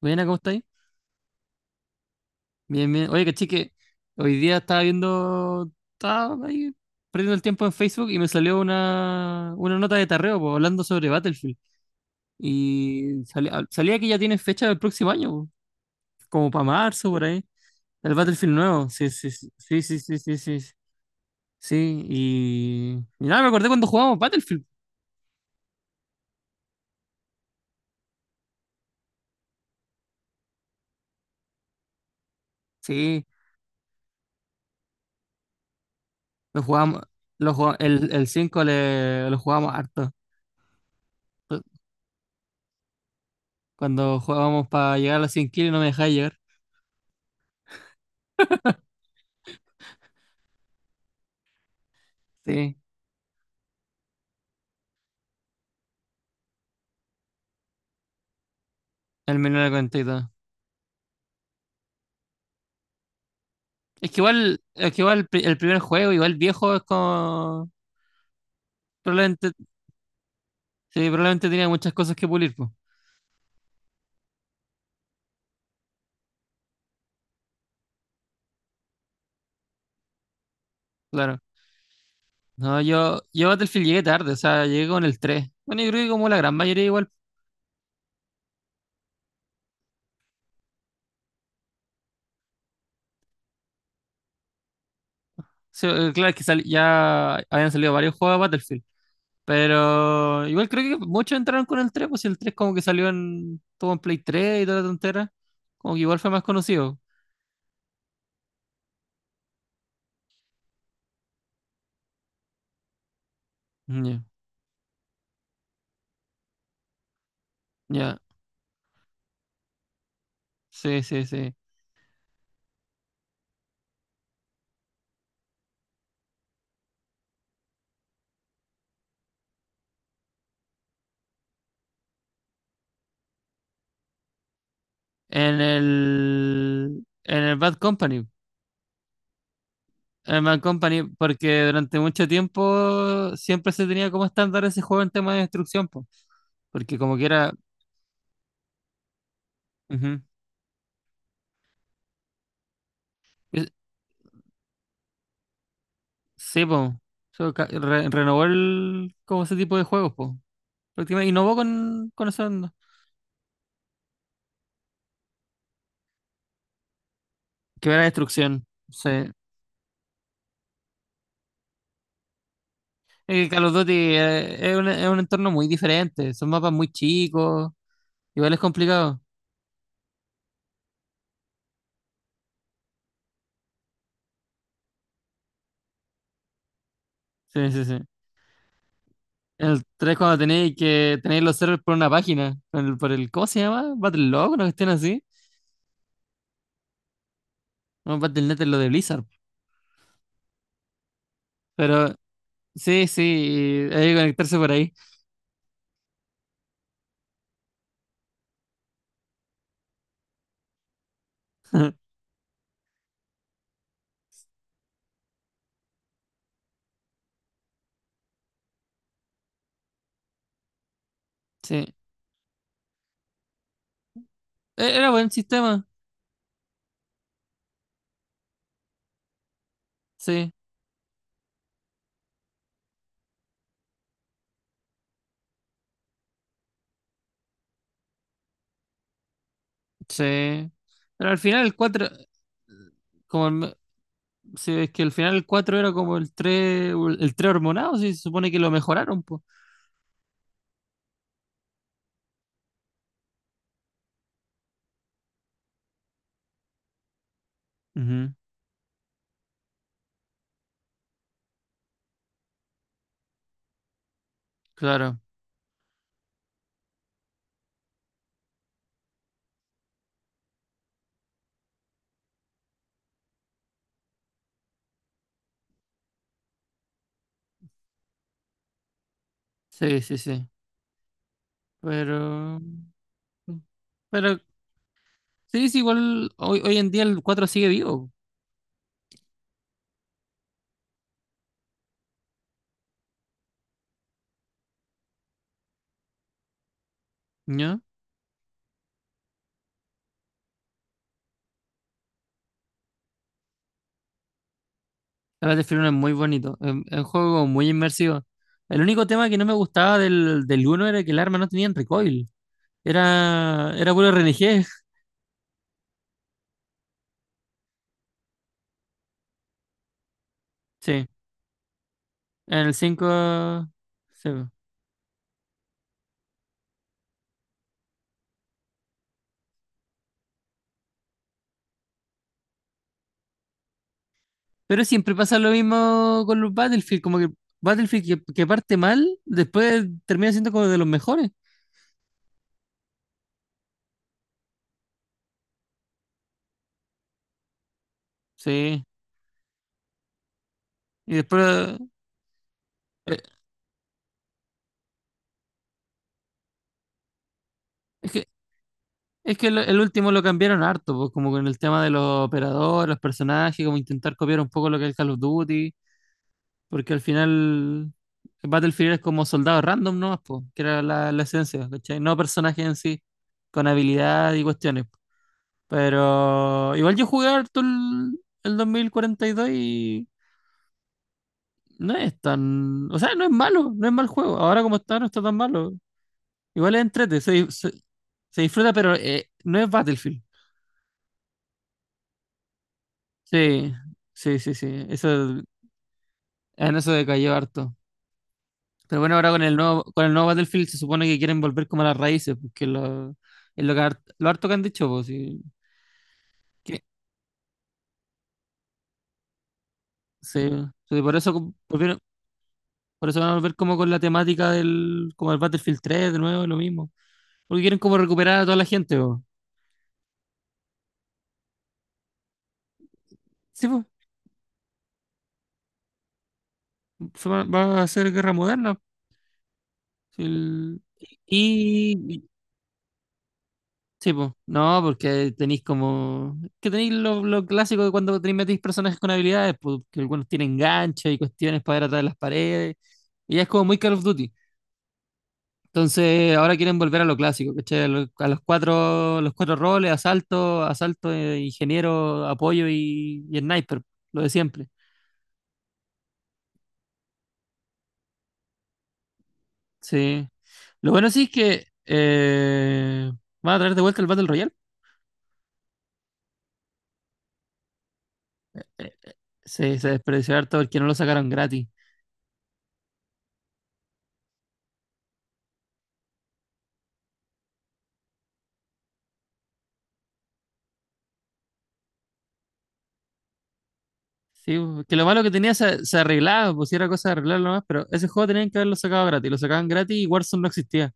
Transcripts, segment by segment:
Buena, ¿cómo estáis? Bien, bien. Oye, caché que hoy día estaba viendo, estaba ahí perdiendo el tiempo en Facebook y me salió una nota de tarreo, po, hablando sobre Battlefield. Y salía que ya tiene fecha del próximo año, po, como para marzo, por ahí. El Battlefield nuevo, sí, sí, sí, sí, sí, sí, sí. Sí, sí, sí, y nada, me acordé cuando jugábamos Battlefield. Sí, lo jugábamos, el 5 lo jugábamos harto. Cuando jugábamos para llegar a las 100 kills no me dejaba llegar. Sí. El 1942. Es que igual el primer juego, igual viejo, es como. Probablemente, sí, probablemente tenía muchas cosas que pulir, pues. Claro. No, yo a Battlefield llegué tarde, o sea, llegué con el tres. Bueno, yo creo que como la gran mayoría igual. Claro, es que ya habían salido varios juegos de Battlefield. Pero igual creo que muchos entraron con el tres, pues si el tres como que salió en todo en Play 3 y toda la tontera. Como que igual fue más conocido. Ya, ya. Sí, sí, sí. En el. En el Bad Company. El Man Company, porque durante mucho tiempo siempre se tenía como estándar ese juego en tema de destrucción, po, porque como que era... Ujú, es- sí, po, so, renovó el, como ese tipo de juegos, po. Prácticamente innovó con eso, ¿no? Que era destrucción. Sí. Call of Duty, es un entorno muy diferente, son mapas muy chicos, igual es complicado. Sí, sí, sí. El tres, cuando tenéis que tenéis los servers por una página, ¿cómo se llama? Battlelog, una cuestión así. No, Battle.net es lo de Blizzard. Pero sí, sí, hay que conectarse por ahí. Sí. Era buen sistema. Sí, sí. Pero al final el cuatro como el me- sí, es que al final el cuatro era como el tres, el tres hormonado, sí, se supone que lo mejoraron, pues. Ujú. Claro. Sí, sí, sí. Pero pero sí, sí, igual hoy, hoy en día el cuatro sigue vivo, ¿no? El Battlefield 1 es muy bonito, es un juego muy inmersivo. El único tema que no me gustaba del, del uno era que el arma no tenía recoil. Era, era puro RNG. Sí, en el 5, sí, po. Pero siempre pasa lo mismo con los Battlefield, como que Battlefield que parte mal, después termina siendo como de los mejores. Sí, y después... eh, es que, es que el último lo cambiaron harto, pues como con el tema de los operadores, los personajes, como intentar copiar un poco lo que es Call of Duty. Porque al final Battlefield es como soldados random nomás, po, que era la, la esencia, ¿cachai? No personajes en sí, con habilidad y cuestiones. Pero igual yo jugué harto el 2042 y dos y no es tan... O sea, no es malo, no es mal juego. Ahora como está, no está tan malo. Igual es entrete, se disfruta, pero no es Battlefield. Sí, sí, sí, sí. Eso, en eso decayó harto. Pero bueno, ahora con el nuevo Battlefield se supone que quieren volver como a las raíces, porque lo, es lo que lo harto que han dicho, pues, sí, que sí sí, por eso volvieron, por eso van a volver como con la temática del, como el Battlefield tres de nuevo, lo mismo. Porque quieren como recuperar a toda la gente, pues. Sí, pues, va, va a ser guerra moderna. Pues, y, sí, pues, no, porque tenéis como. Que tenéis lo clásico de cuando tenéis metéis personajes con habilidades, pues, que algunos tienen ganchos y cuestiones para ir atrás de las paredes. Y ya es como muy Call of Duty. Entonces, ahora quieren volver a lo clásico, ¿cachai? A, a los cuatro roles, asalto, asalto, ingeniero, apoyo y sniper, lo de siempre. Sí. Lo bueno sí es que van a traer de vuelta el Battle Royale. Eh, Se, se desperdició harto porque no lo sacaron gratis. Sí, bo, que lo malo que tenía se, se arreglaba, pues si era cosa de arreglarlo nomás, pero ese juego tenían que haberlo sacado gratis, lo sacaban gratis y Warzone no existía.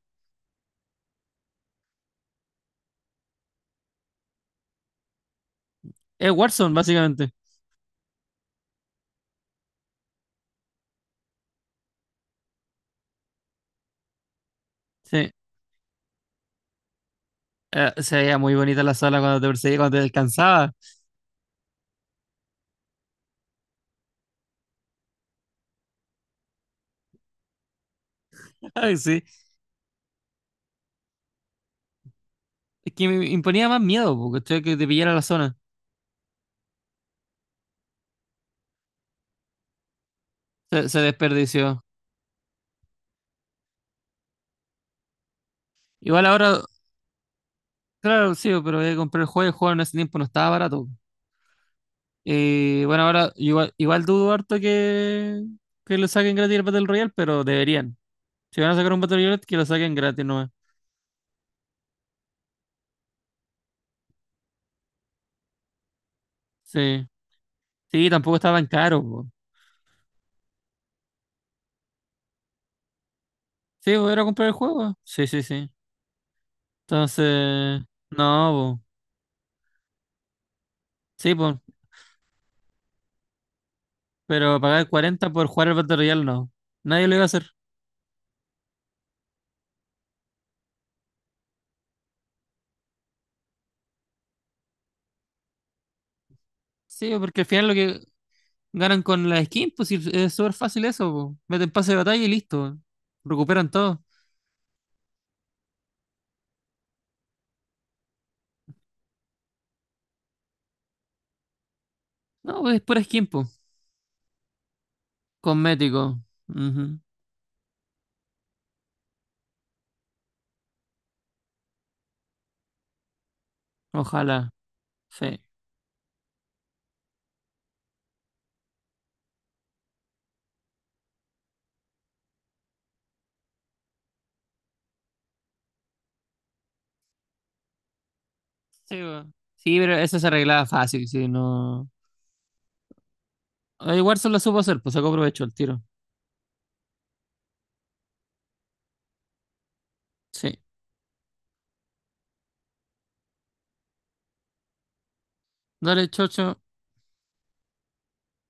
Es Warzone, básicamente. Sí. Se veía muy bonita la sala cuando te perseguía, cuando te alcanzaba. Ay, sí. Es que me imponía más miedo, porque que te pillara la zona. Se desperdició. Igual ahora, claro, sí, pero voy a comprar el juego y el juego en ese tiempo no estaba barato. Y bueno, ahora igual, igual dudo harto que lo saquen gratis el Battle Royale, pero deberían. Si van a sacar un Battle Royale, que lo saquen gratis nomás. Sí. Sí, tampoco estaba tan caro, po. Sí, po, era comprar el juego. Sí, sí, sí. Entonces, no, po. Sí, po. Pero pagar 40 por jugar al Battle Royale, no. Nadie lo iba a hacer. Sí, po, porque al final lo que ganan con la skin, pues sí, es súper fácil eso, po. Meten pase de batalla y listo. Recuperan todo. No, pues es pura skin, po. Cosmético. Ujú. Ojalá. Sí. Sí, po. Sí, pero eso se arreglaba fácil, sí, no. Ah, igual se lo supo hacer, pues sacó provecho el tiro. Sí. Dale, chocho.